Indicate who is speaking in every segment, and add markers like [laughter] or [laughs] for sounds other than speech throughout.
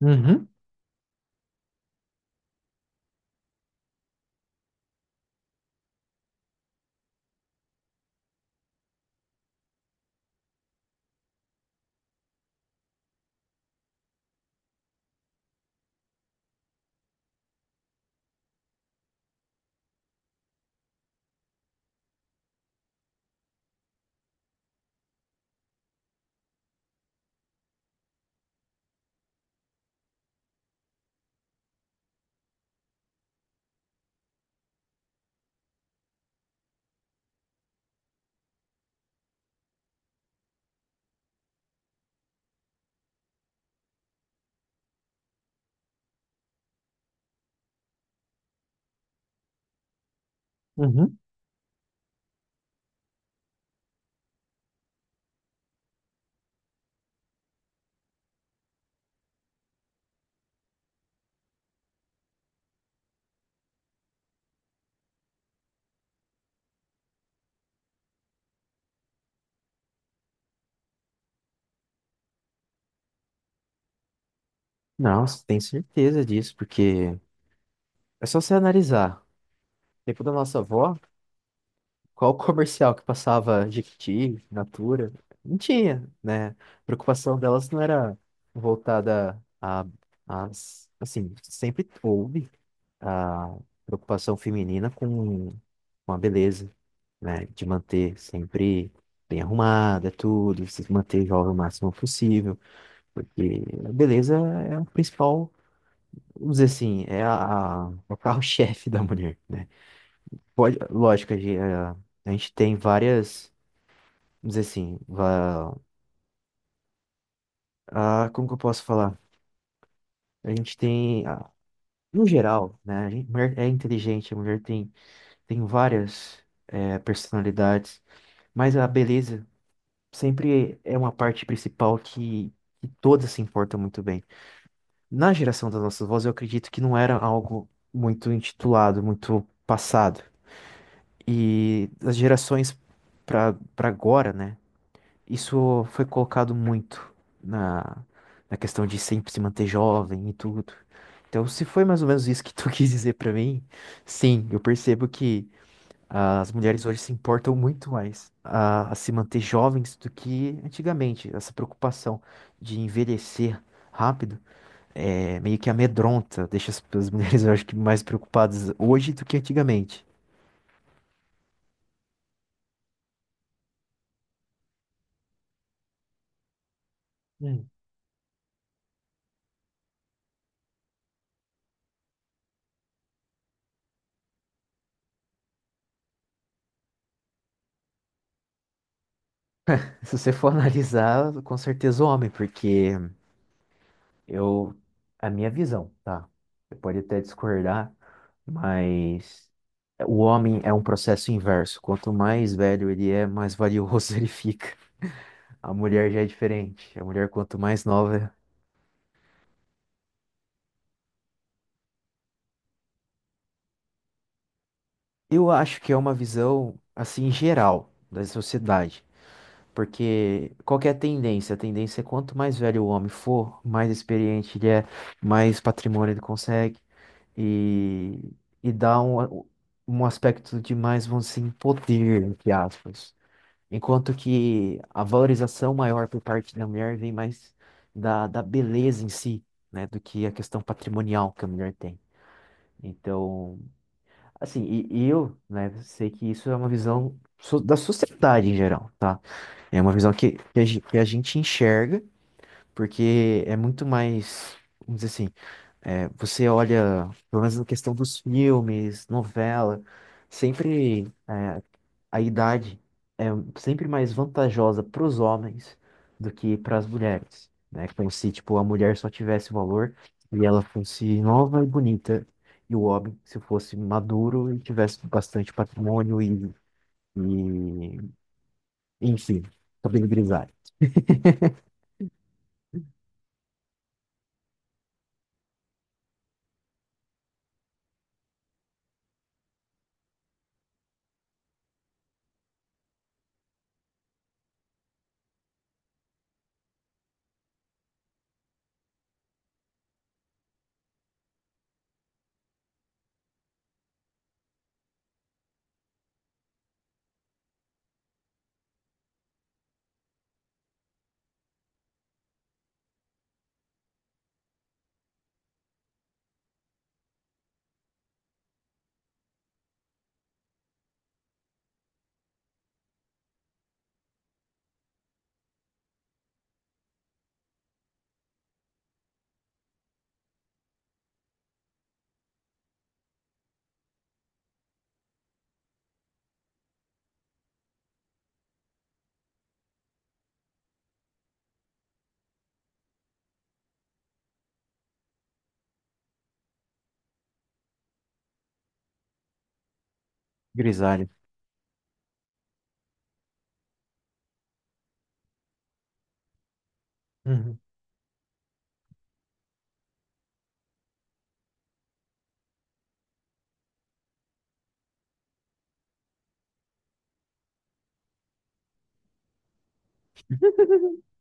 Speaker 1: Uhum, uhum. Nossa, tenho certeza disso, porque é só você analisar. No tempo da nossa avó, qual [laughs] comercial que passava, Jequiti, Natura? Não tinha, né? A preocupação delas não era voltada a, assim, sempre houve a preocupação feminina com a beleza, né? De manter sempre bem arrumada, tudo, se manter jovem o máximo possível, porque a beleza é o principal, vamos dizer assim, é o carro-chefe [laughs] da mulher, né? Pode, lógico, a gente tem várias, vamos dizer assim, como que eu posso falar? A gente tem, no geral, né? Mulher é inteligente, a mulher tem várias personalidades, mas a beleza sempre é uma parte principal que todas se importam muito bem. Na geração das nossas vozes, eu acredito que não era algo muito intitulado, muito passado. E as gerações para agora, né? Isso foi colocado muito na, na questão de sempre se manter jovem e tudo. Então, se foi mais ou menos isso que tu [laughs] quis dizer para mim, sim, eu percebo que as mulheres hoje se importam muito mais a se manter jovens do que antigamente. Essa preocupação de envelhecer rápido é meio que amedronta, deixa as mulheres, [laughs] eu acho que, mais preocupadas hoje do que antigamente. Se você for [laughs] analisar, com certeza o homem, porque eu, a minha visão, tá? Você pode até discordar, mas o homem é um processo inverso. Quanto mais velho ele é, mais valioso [laughs] ele fica. A mulher já é diferente. A mulher, quanto mais nova, eu acho que é uma visão assim geral da sociedade. Porque qual que é a tendência? A tendência é quanto mais velho o homem for, mais experiente ele é, mais patrimônio ele consegue. E, e dá um aspecto de mais, vamos assim, poder, entre aspas. Enquanto que a valorização maior por parte da mulher vem mais da beleza em si, né? Do que a questão patrimonial que a mulher tem. Então, assim, e eu, né, sei que isso é uma visão da sociedade em geral, tá? É uma visão que que a gente enxerga, porque é muito mais, vamos dizer assim, é, você olha, pelo menos na questão dos filmes, novela, sempre. é, a idade é sempre mais vantajosa para os homens do que para as mulheres, né? Como se, tipo, a mulher só tivesse valor e ela fosse nova e bonita, e o homem se fosse maduro e tivesse bastante patrimônio e enfim, cabelo grisalho. Grisalho. Uhum. [laughs]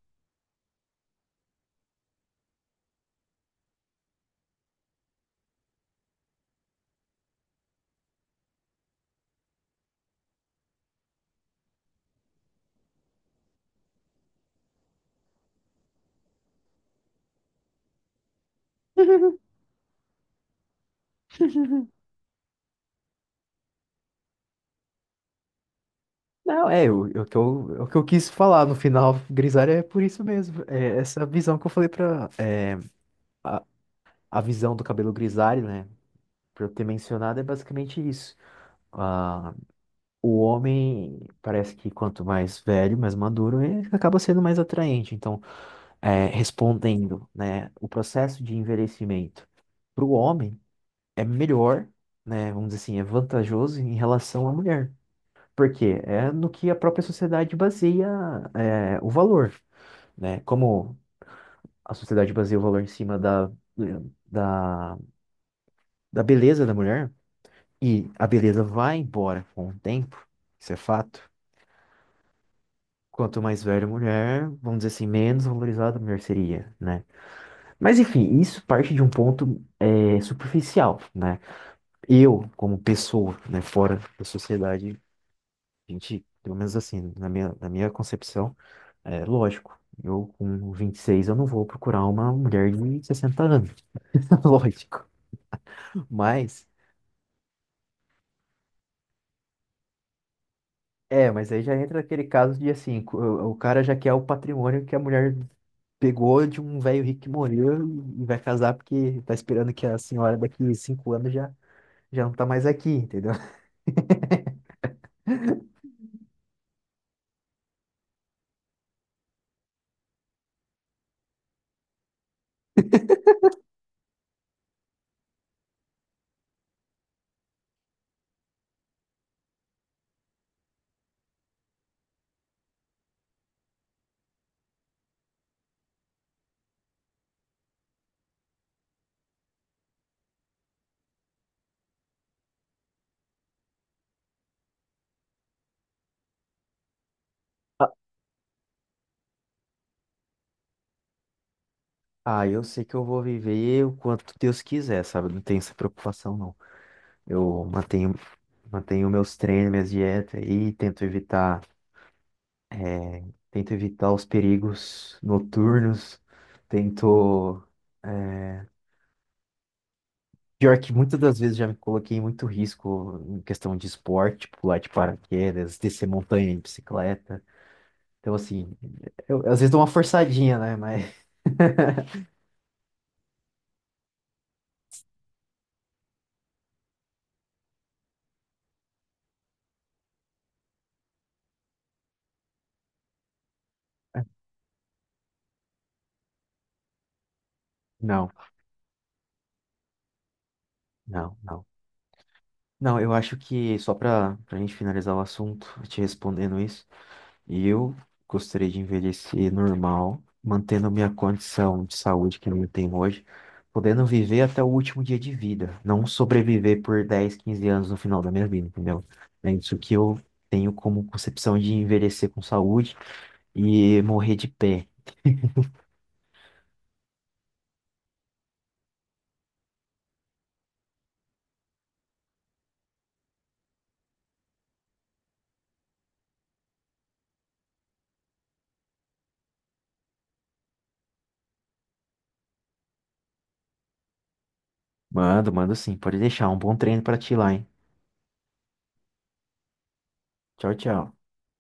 Speaker 1: Não, o que eu, é o que eu quis falar no final, grisalho é por isso mesmo. É essa visão que eu falei pra. A, a visão do cabelo grisalho, né? Por eu ter mencionado, é basicamente isso. Ah, o homem parece que quanto mais velho, mais maduro, ele acaba sendo mais atraente. Então, respondendo, né, o processo de envelhecimento para o homem é melhor, né, vamos dizer assim, é vantajoso em relação à mulher. Por quê? É no que a própria sociedade baseia, o valor, né? Como a sociedade baseia o valor em cima da, da beleza da mulher. E a beleza vai embora com o tempo, isso é fato. Quanto mais velha a mulher, vamos dizer assim, menos valorizada a mulher seria, né? Mas enfim, isso parte de um ponto superficial, né? Eu, como pessoa, né, fora da sociedade, a gente, pelo menos assim, na minha concepção, é lógico. Eu, com 26, eu não vou procurar uma mulher de 60 anos, [laughs] lógico. Mas, mas aí já entra aquele caso de assim, o cara já quer o patrimônio que a mulher pegou de um velho rico que morreu e vai casar porque tá esperando que a senhora daqui 5 anos já não tá mais aqui, entendeu? [laughs] Ah, eu sei que eu vou viver o quanto Deus quiser, sabe? Não tenho essa preocupação, não. Eu mantenho meus treinos, minhas dietas aí, tento evitar, é, tento evitar os perigos noturnos, tento. é, Pior que muitas das vezes já me coloquei em muito risco em questão de esporte, pular de paraquedas, descer montanha de bicicleta. Então, assim, eu, às vezes dou uma forçadinha, né? Mas. [laughs] Não, não, não. Não, eu acho que só para a gente finalizar o assunto, te respondendo isso, eu gostaria de envelhecer normal, mantendo minha condição de saúde que eu tenho hoje, podendo viver até o último dia de vida, não sobreviver por 10, 15 anos no final da minha vida, entendeu? É isso que eu tenho como concepção de envelhecer com saúde e morrer de pé. Mando, mando sim, pode deixar um bom treino para ti lá, hein? Tchau, tchau.